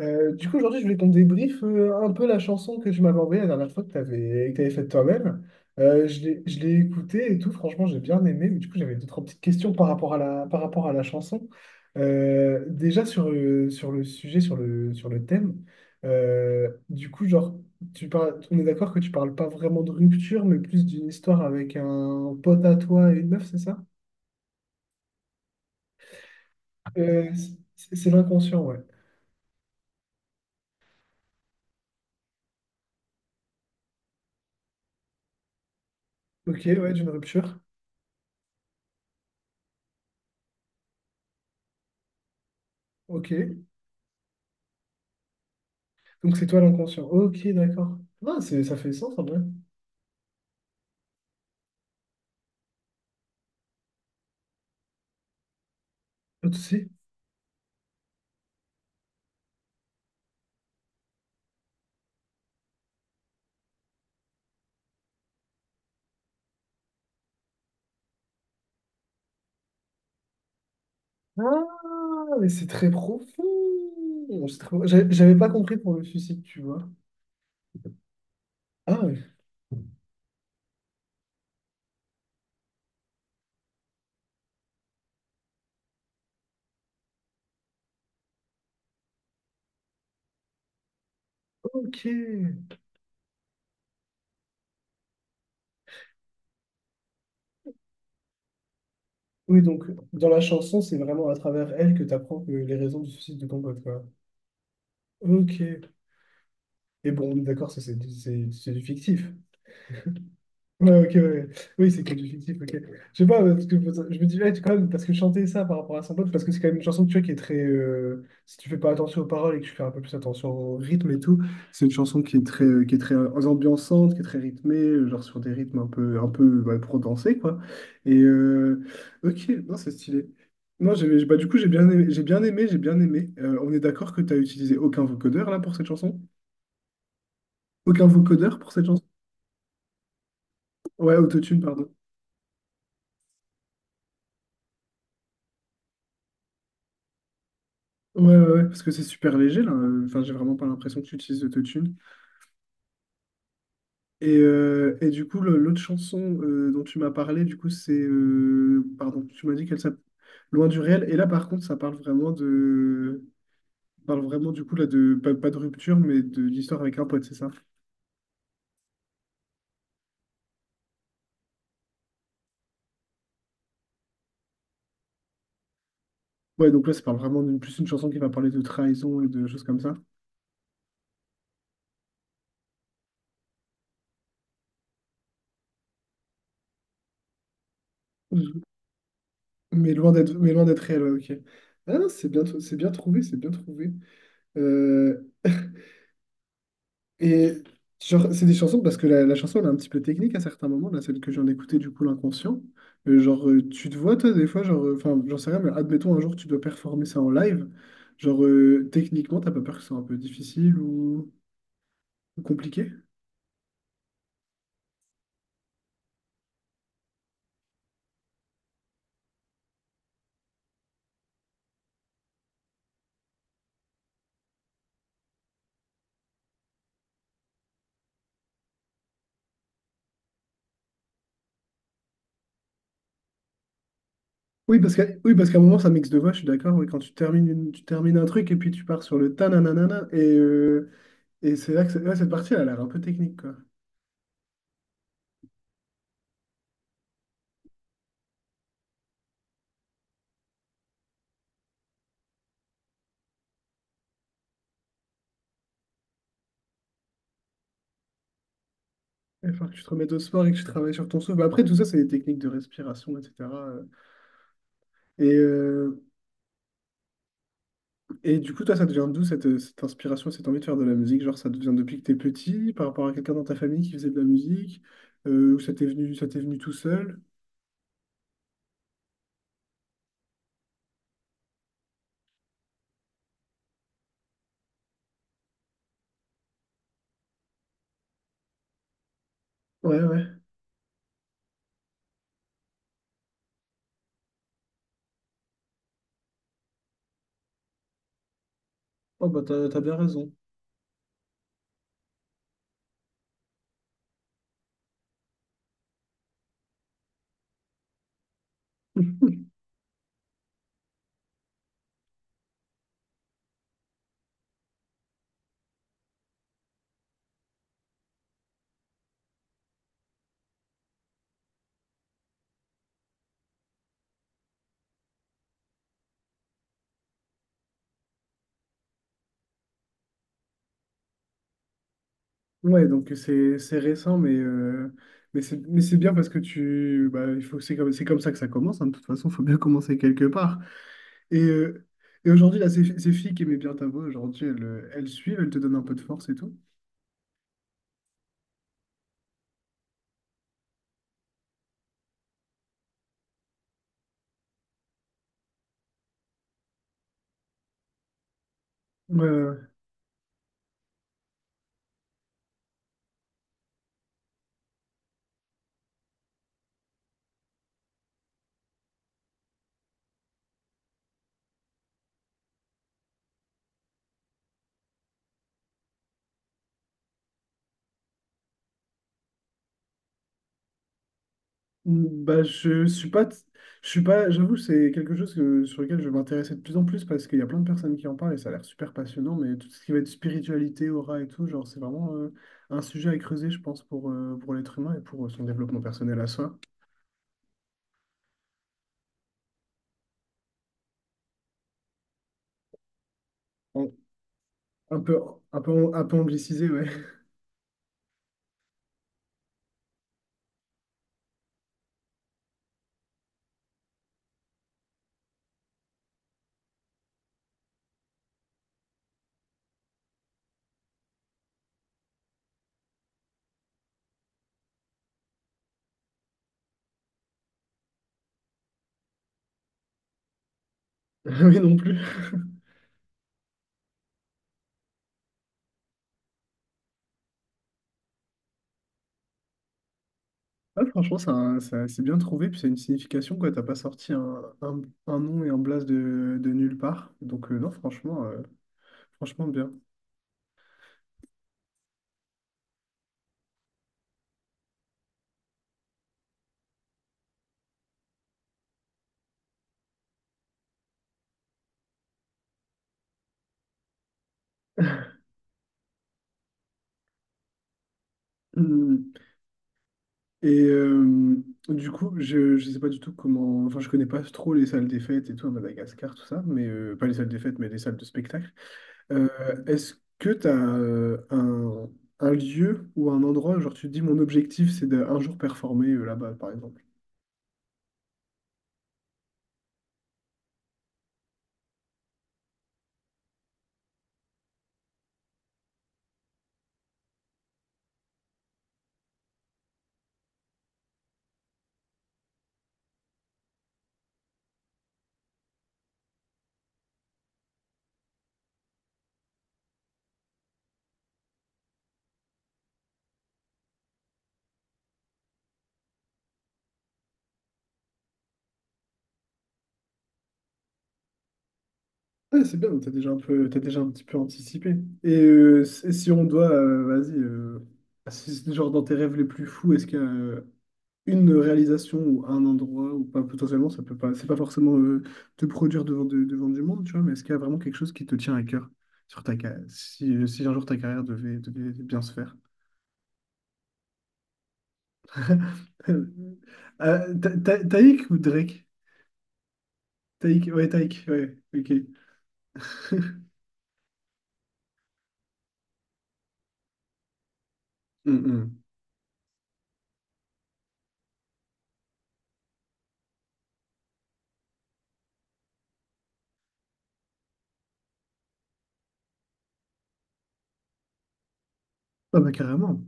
Du coup, aujourd'hui, je voulais qu'on débriefe un peu la chanson que tu m'avais envoyée la dernière fois que que t'avais faite toi-même. Je l'ai écoutée et tout, franchement, j'ai bien aimé. Mais du coup, j'avais deux, trois petites questions par rapport à la chanson. Déjà, sur le sujet, sur le thème, du coup, genre, on est d'accord que tu parles pas vraiment de rupture, mais plus d'une histoire avec un pote à toi et une meuf, c'est ça? Euh, c'est l'inconscient, ouais. Ok, ouais, d'une rupture. Ok. Donc c'est toi l'inconscient. Ok, d'accord. Ah, ça fait sens en vrai. Pas de souci. Ah, mais c'est très profond. J'avais pas compris pour le suicide, tu vois. Ah, ouais. Ok. Oui, donc dans la chanson, c'est vraiment à travers elle que tu apprends les raisons du suicide de ton pote, quoi. Ok. Et bon, on est d'accord, ça, c'est du fictif. Ouais, ok, ouais. Ouais. Oui, c'est que du fictif, ok. Je sais pas, parce que je me dis, ouais, quand même, parce que chanter ça par rapport à son pote, parce que c'est quand même une chanson, tu vois, qui est très. Si tu fais pas attention aux paroles et que tu fais un peu plus attention au rythme et tout, c'est une chanson qui est très ambiançante, qui est très rythmée, genre sur des rythmes un peu ouais, pour danser, quoi. Et euh, ok, non, c'est stylé. Moi, bah, du coup, j'ai bien aimé, j'ai bien aimé, j'ai bien aimé. On est d'accord que tu as utilisé aucun vocodeur là pour cette chanson? Aucun vocodeur pour cette chanson? Ouais, autotune, pardon. Ouais, ouais, ouais, parce que c'est super léger, là. Enfin, j'ai vraiment pas l'impression que tu utilises l'autotune. Et du coup, l'autre chanson dont tu m'as parlé, du coup, pardon, tu m'as dit qu'elle s'appelle Loin du réel. Et là, par contre, ça parle vraiment, du coup, là, Pas, pas de rupture, mais de l'histoire avec un pote, c'est ça? Ouais, donc là, ça parle vraiment d'une plus une chanson qui va parler de trahison et de choses comme ça. Mhm. Mais loin d'être réel, ouais, ok. Ah, non, c'est bien trouvé, c'est bien trouvé. Euh, Et genre, c'est des chansons parce que la chanson elle est un petit peu technique à certains moments, là, celle que j'en écoutais du coup, l'inconscient. Genre, tu te vois, toi, des fois, genre, enfin, j'en sais rien, mais admettons un jour tu dois performer ça en live. Genre, techniquement, t'as pas peur que ce soit un peu difficile ou compliqué? Oui, oui, parce qu'à un moment, ça mixe de voix, je suis d'accord. Oui, quand tu termines un truc et puis tu pars sur le ta-na-na-na-na Et c'est là que c'est- Ouais, cette partie, elle a l'air un peu technique, quoi. Il va falloir que tu te remettes au sport et que tu travailles sur ton souffle. Bah, après, tout ça, c'est des techniques de respiration, etc. euh. Et, euh, et du coup, toi, ça te vient d'où cette inspiration, cette envie de faire de la musique? Genre, ça te vient depuis que t'es petit, par rapport à quelqu'un dans ta famille qui faisait de la musique, ou ça t'est venu tout seul? Ouais, ouais. Oh bah t'as bien raison. Ouais, donc c'est récent, mais c'est bien parce que tu bah, il faut c'est comme ça que ça commence, hein, de toute façon, il faut bien commencer quelque part. Et, euh, et aujourd'hui, là, ces filles qui aimaient bien ta voix, aujourd'hui, elles suivent, elles te donnent un peu de force et tout. Ouais, ouais, ouais. Mm, bah, je suis pas, j'avoue, c'est quelque chose que, sur lequel je vais m'intéresser de plus en plus parce qu'il y a plein de personnes qui en parlent et ça a l'air super passionnant. Mais tout ce qui va être spiritualité, aura et tout, genre, c'est vraiment un sujet à creuser, je pense, pour l'être humain et pour son développement personnel à soi. En- un peu, un peu anglicisé, ouais, mais non plus. Ah, franchement, c'est bien trouvé, puis c'est une signification, quoi. T'as pas sorti un nom et un blaze de nulle part. Donc, non, franchement, bien. Et euh, du coup, je sais pas du tout comment. Enfin, je connais pas trop les salles des fêtes et tout à Madagascar, tout ça, mais pas les salles des fêtes, mais les salles de spectacle. Euh, Est-ce que tu as un lieu ou un endroit, genre tu te dis mon objectif c'est d'un jour performer là-bas, par exemple? Ah, c'est bien, t'as déjà un petit peu anticipé. Si si on doit, vas-y, Si c'est genre dans tes rêves les plus fous, est-ce qu'il y a une réalisation ou un endroit ou pas potentiellement ça peut pas c'est pas forcément te produire devant devant du monde, tu vois, mais est-ce qu'il y a vraiment quelque chose qui te tient à cœur sur ta carrière si un jour ta carrière devait bien se faire. Taïk ou Drake? Taïk, ouais, Taïk, ouais, ok. Hum. Ah bah carrément.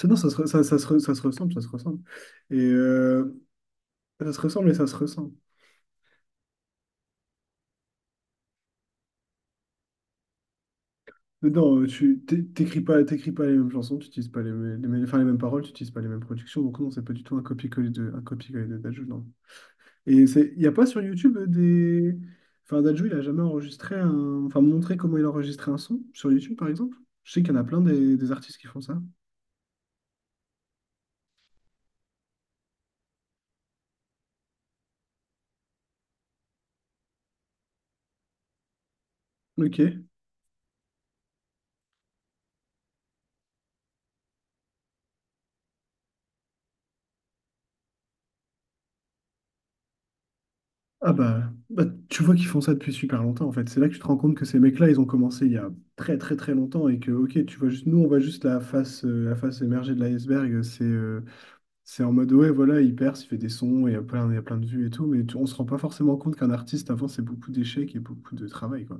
Non, ça se ressemble, ça se ressemble. Et euh, Ça se ressemble et ça se ressent. Mais non, tu t'é- t'écris pas les mêmes chansons, tu utilises pas les, mê- les, mêmes- enfin, les mêmes paroles, tu utilises pas les mêmes productions, donc non, c'est pas du tout un copier-coller de Dadju, non. Il y a pas sur YouTube enfin Dadju, il a jamais enfin montré comment il enregistrait un son sur YouTube par exemple. Je sais qu'il y en a plein des artistes qui font ça. Ok. Ah bah, tu vois qu'ils font ça depuis super longtemps en fait. C'est là que tu te rends compte que ces mecs-là, ils ont commencé il y a très très très longtemps et que ok, on voit juste la face émergée de l'iceberg. C'est en mode, ouais, voilà, il perce, il fait des sons, et il y a plein de vues et tout, mais on se rend pas forcément compte qu'un artiste, avant, c'est beaucoup d'échecs et beaucoup de travail, quoi.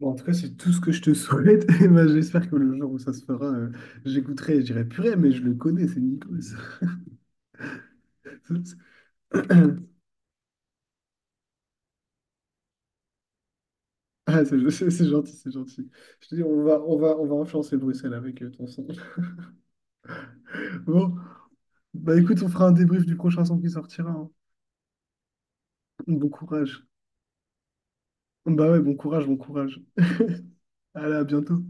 Bon, en tout cas, c'est tout ce que je te souhaite. Et ben, j'espère que le jour où ça se fera, j'écouterai et je dirai, purée, mais je le connais, c'est Nicolas. Ah, c'est gentil, c'est gentil. Je te dis, on va influencer Bruxelles avec ton son. Bon, bah écoute, on fera un débrief du prochain son qui sortira, hein. Bon courage. Bah ouais, bon courage, bon courage. Allez, à bientôt.